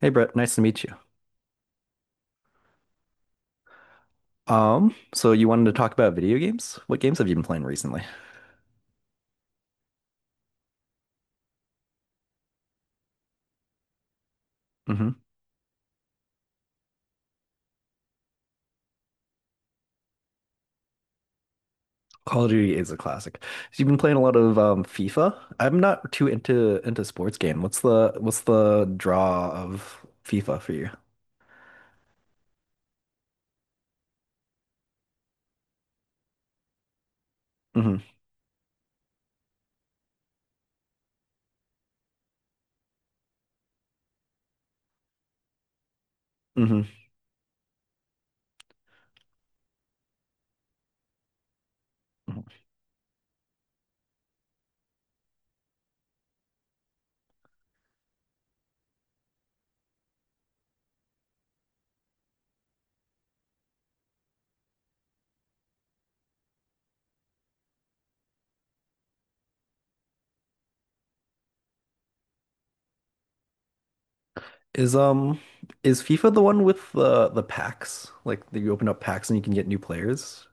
Hey Brett, nice to meet you. So you wanted to talk about video games? What games have you been playing recently? Hmm. Call of Duty is a classic. So you've been playing a lot of FIFA. I'm not too into sports game. What's the draw of FIFA for you? Hmm. Hmm. Is is FIFA the one with the packs? Like that you open up packs and you can get new players?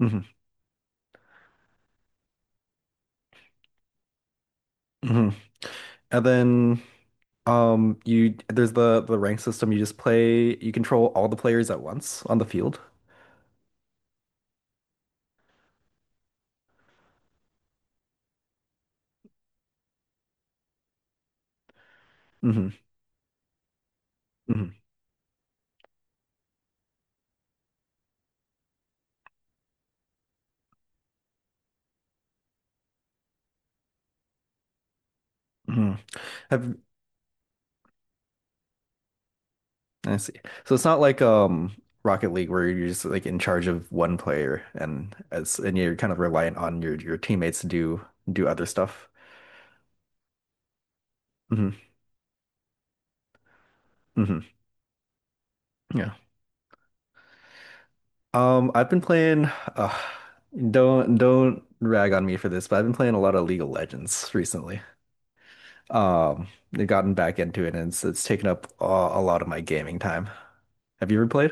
Hmm. Hmm. And then you there's the rank system. You just play you control all the players at once on the field. Mm-hmm. Mhm, mhm. Have- I see. So it's not like Rocket League where you're just like in charge of one player and as and you're kind of reliant on your teammates to do other stuff. Hmm. Hmm. Yeah. I've been playing. Uh, don't rag on me for this, but I've been playing a lot of League of Legends recently. Um, I've gotten back into it and it's taken up a lot of my gaming time. Have you ever played?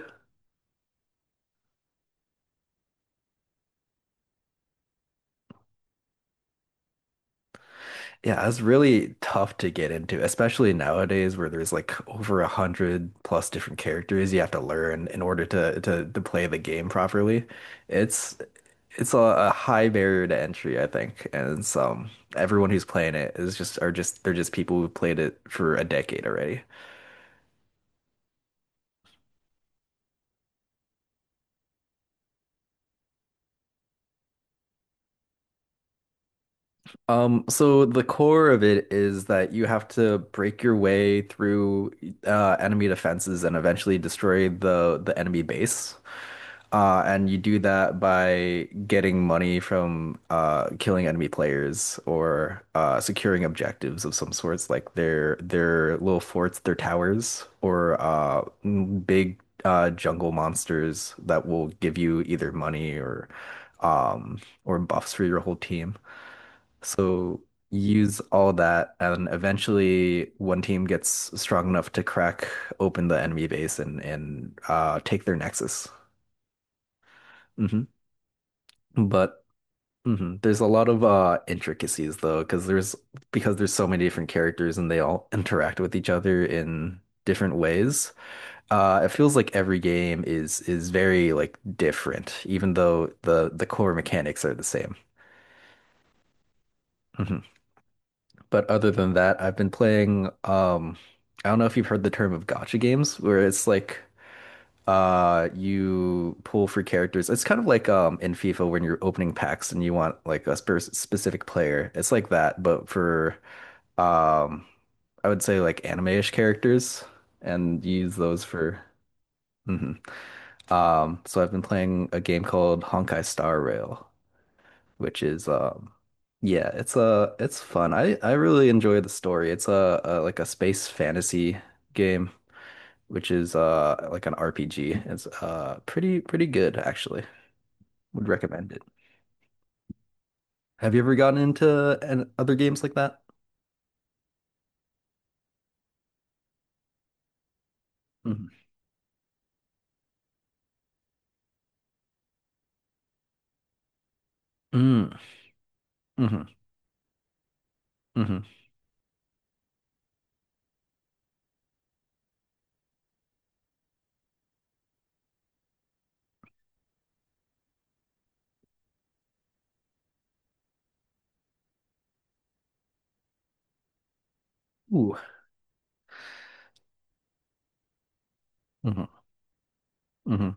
Yeah, it's really tough to get into, especially nowadays where there's like over 100+ different characters you have to learn in order to play the game properly. It's it's a high barrier to entry, I think. And it's, everyone who's playing it is just are just they're just people who've played it for a decade already. So the core of it is that you have to break your way through enemy defenses and eventually destroy the enemy base. And you do that by getting money from killing enemy players or securing objectives of some sorts, like their little forts, their towers, or big jungle monsters that will give you either money or um, or buffs for your whole team. So use all that, and eventually one team gets strong enough to crack open the enemy base and take their nexus. Hmm. But there's a lot of intricacies though, because there's so many different characters and they all interact with each other in different ways. It feels like every game is very like different, even though the core mechanics are the same. Hmm. But other than that, I've been playing. I don't know if you've heard the term of gacha games, where it's like you pull for characters. It's kind of like in FIFA when you're opening packs and you want like a specific player. It's like that, but for um I would say like anime-ish characters and use those for. Mhm. So I've been playing a game called Honkai Star Rail, which is yeah, it's fun. I really enjoy the story. It's a like a space fantasy game, which is like an RPG. It's pretty good actually. Would recommend it. Have you ever gotten into other games like that? Hmm. Mm-hmm. Mm-hmm. Ooh. Mm-hmm. Mm-hmm.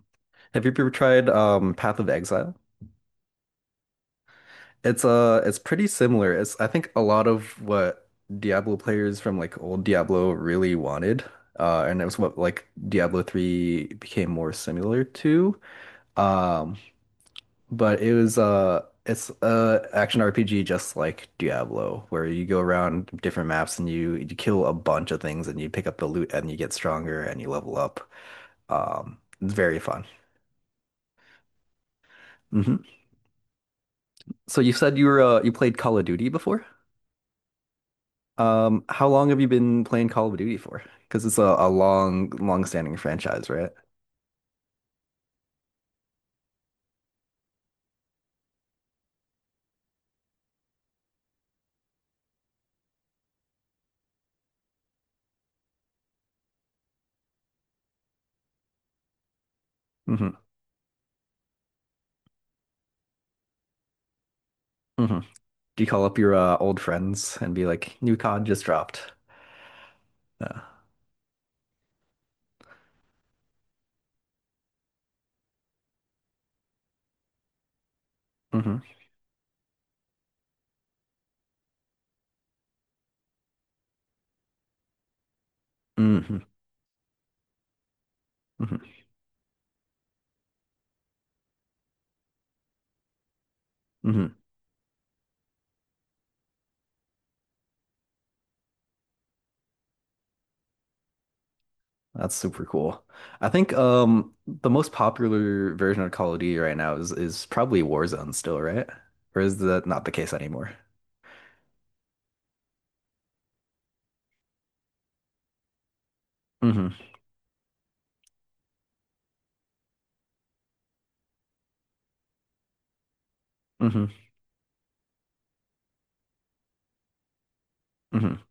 Have you ever tried Path of Exile? It's pretty similar. It's, I think, a lot of what Diablo players from like old Diablo really wanted. And it was what like Diablo 3 became more similar to. Um but it's a action RPG just like Diablo where you go around different maps and you kill a bunch of things and you pick up the loot and you get stronger and you level up. It's very fun. Hmm. So you said you played Call of Duty before? How long have you been playing Call of Duty for? Because it's a long, long-standing franchise, right? Hmm. Hmm. Do you call up your old friends and be like, "New COD just dropped"? Uh, hmm. Hmm. Hmm. Hmm. That's super cool. I think the most popular version of Call of Duty right now is probably Warzone still, right? Or is that not the case anymore? Hmm. Hmm. Hmm.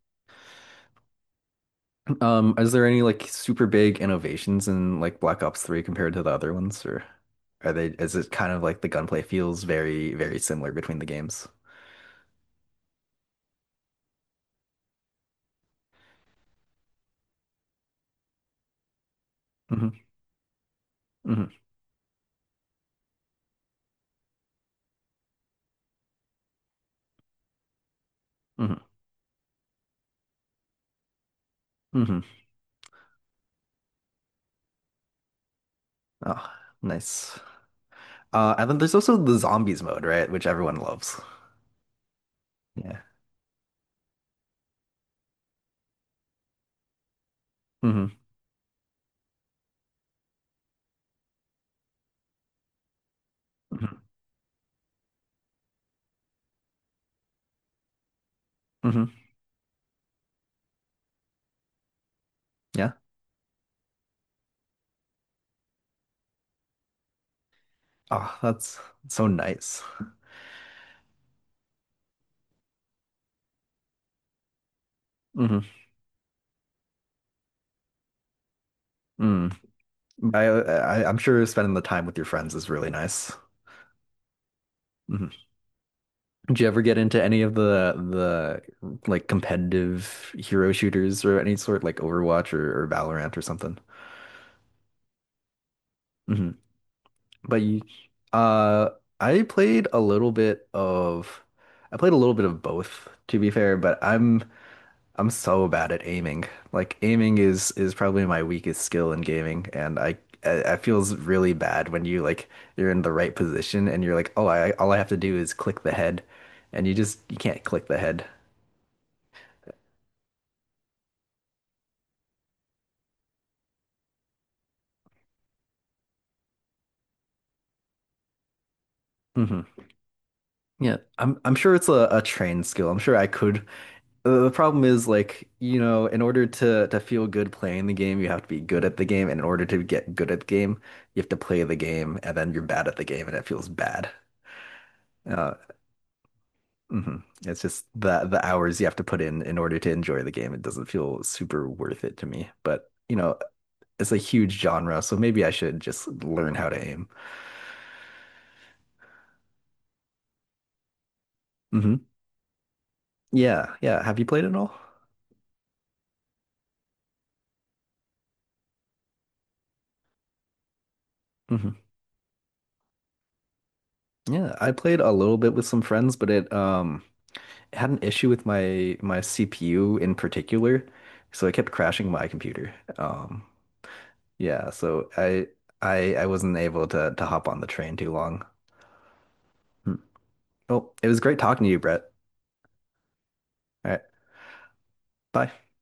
Is there any like super big innovations in like Black Ops 3 compared to the other ones, or is it kind of like the gunplay feels very, very similar between the games? Hmm. Hmm. Hmm. Hmm. Oh, nice. And then there's also the zombies mode, right? Which everyone loves. Yeah. Hmm. Hmm. Hmm. Yeah. Oh, that's so nice. Hmm. Mm. I'm sure spending the time with your friends is really nice. Mm-hmm. Did you ever get into any of the like competitive hero shooters or any sort, like Overwatch or, Valorant or something? Hmm. But you, uh, I played a little bit of, I played a little bit of both, to be fair. But I'm so bad at aiming. Like aiming is probably my weakest skill in gaming, and it feels really bad when you like you're in the right position and you're like, oh, I all I have to do is click the head, and you can't click the head. Mm-hmm. Yeah, I'm sure it's a trained skill. I'm sure I could. The problem is like, in order to feel good playing the game, you have to be good at the game, and in order to get good at the game, you have to play the game, and then you're bad at the game, and it feels bad. Uh, mhm. It's just the hours you have to put in order to enjoy the game. It doesn't feel super worth it to me. But, it's a huge genre, so maybe I should just learn how to aim. Hmm. Yeah, yeah. Have you played it all? Hmm. Yeah, I played a little bit with some friends, but it had an issue with my CPU in particular, so it kept crashing my computer. Yeah, so I wasn't able to hop on the train too long. Hmm. Well, it was great talking to you, Brett. All right, bye.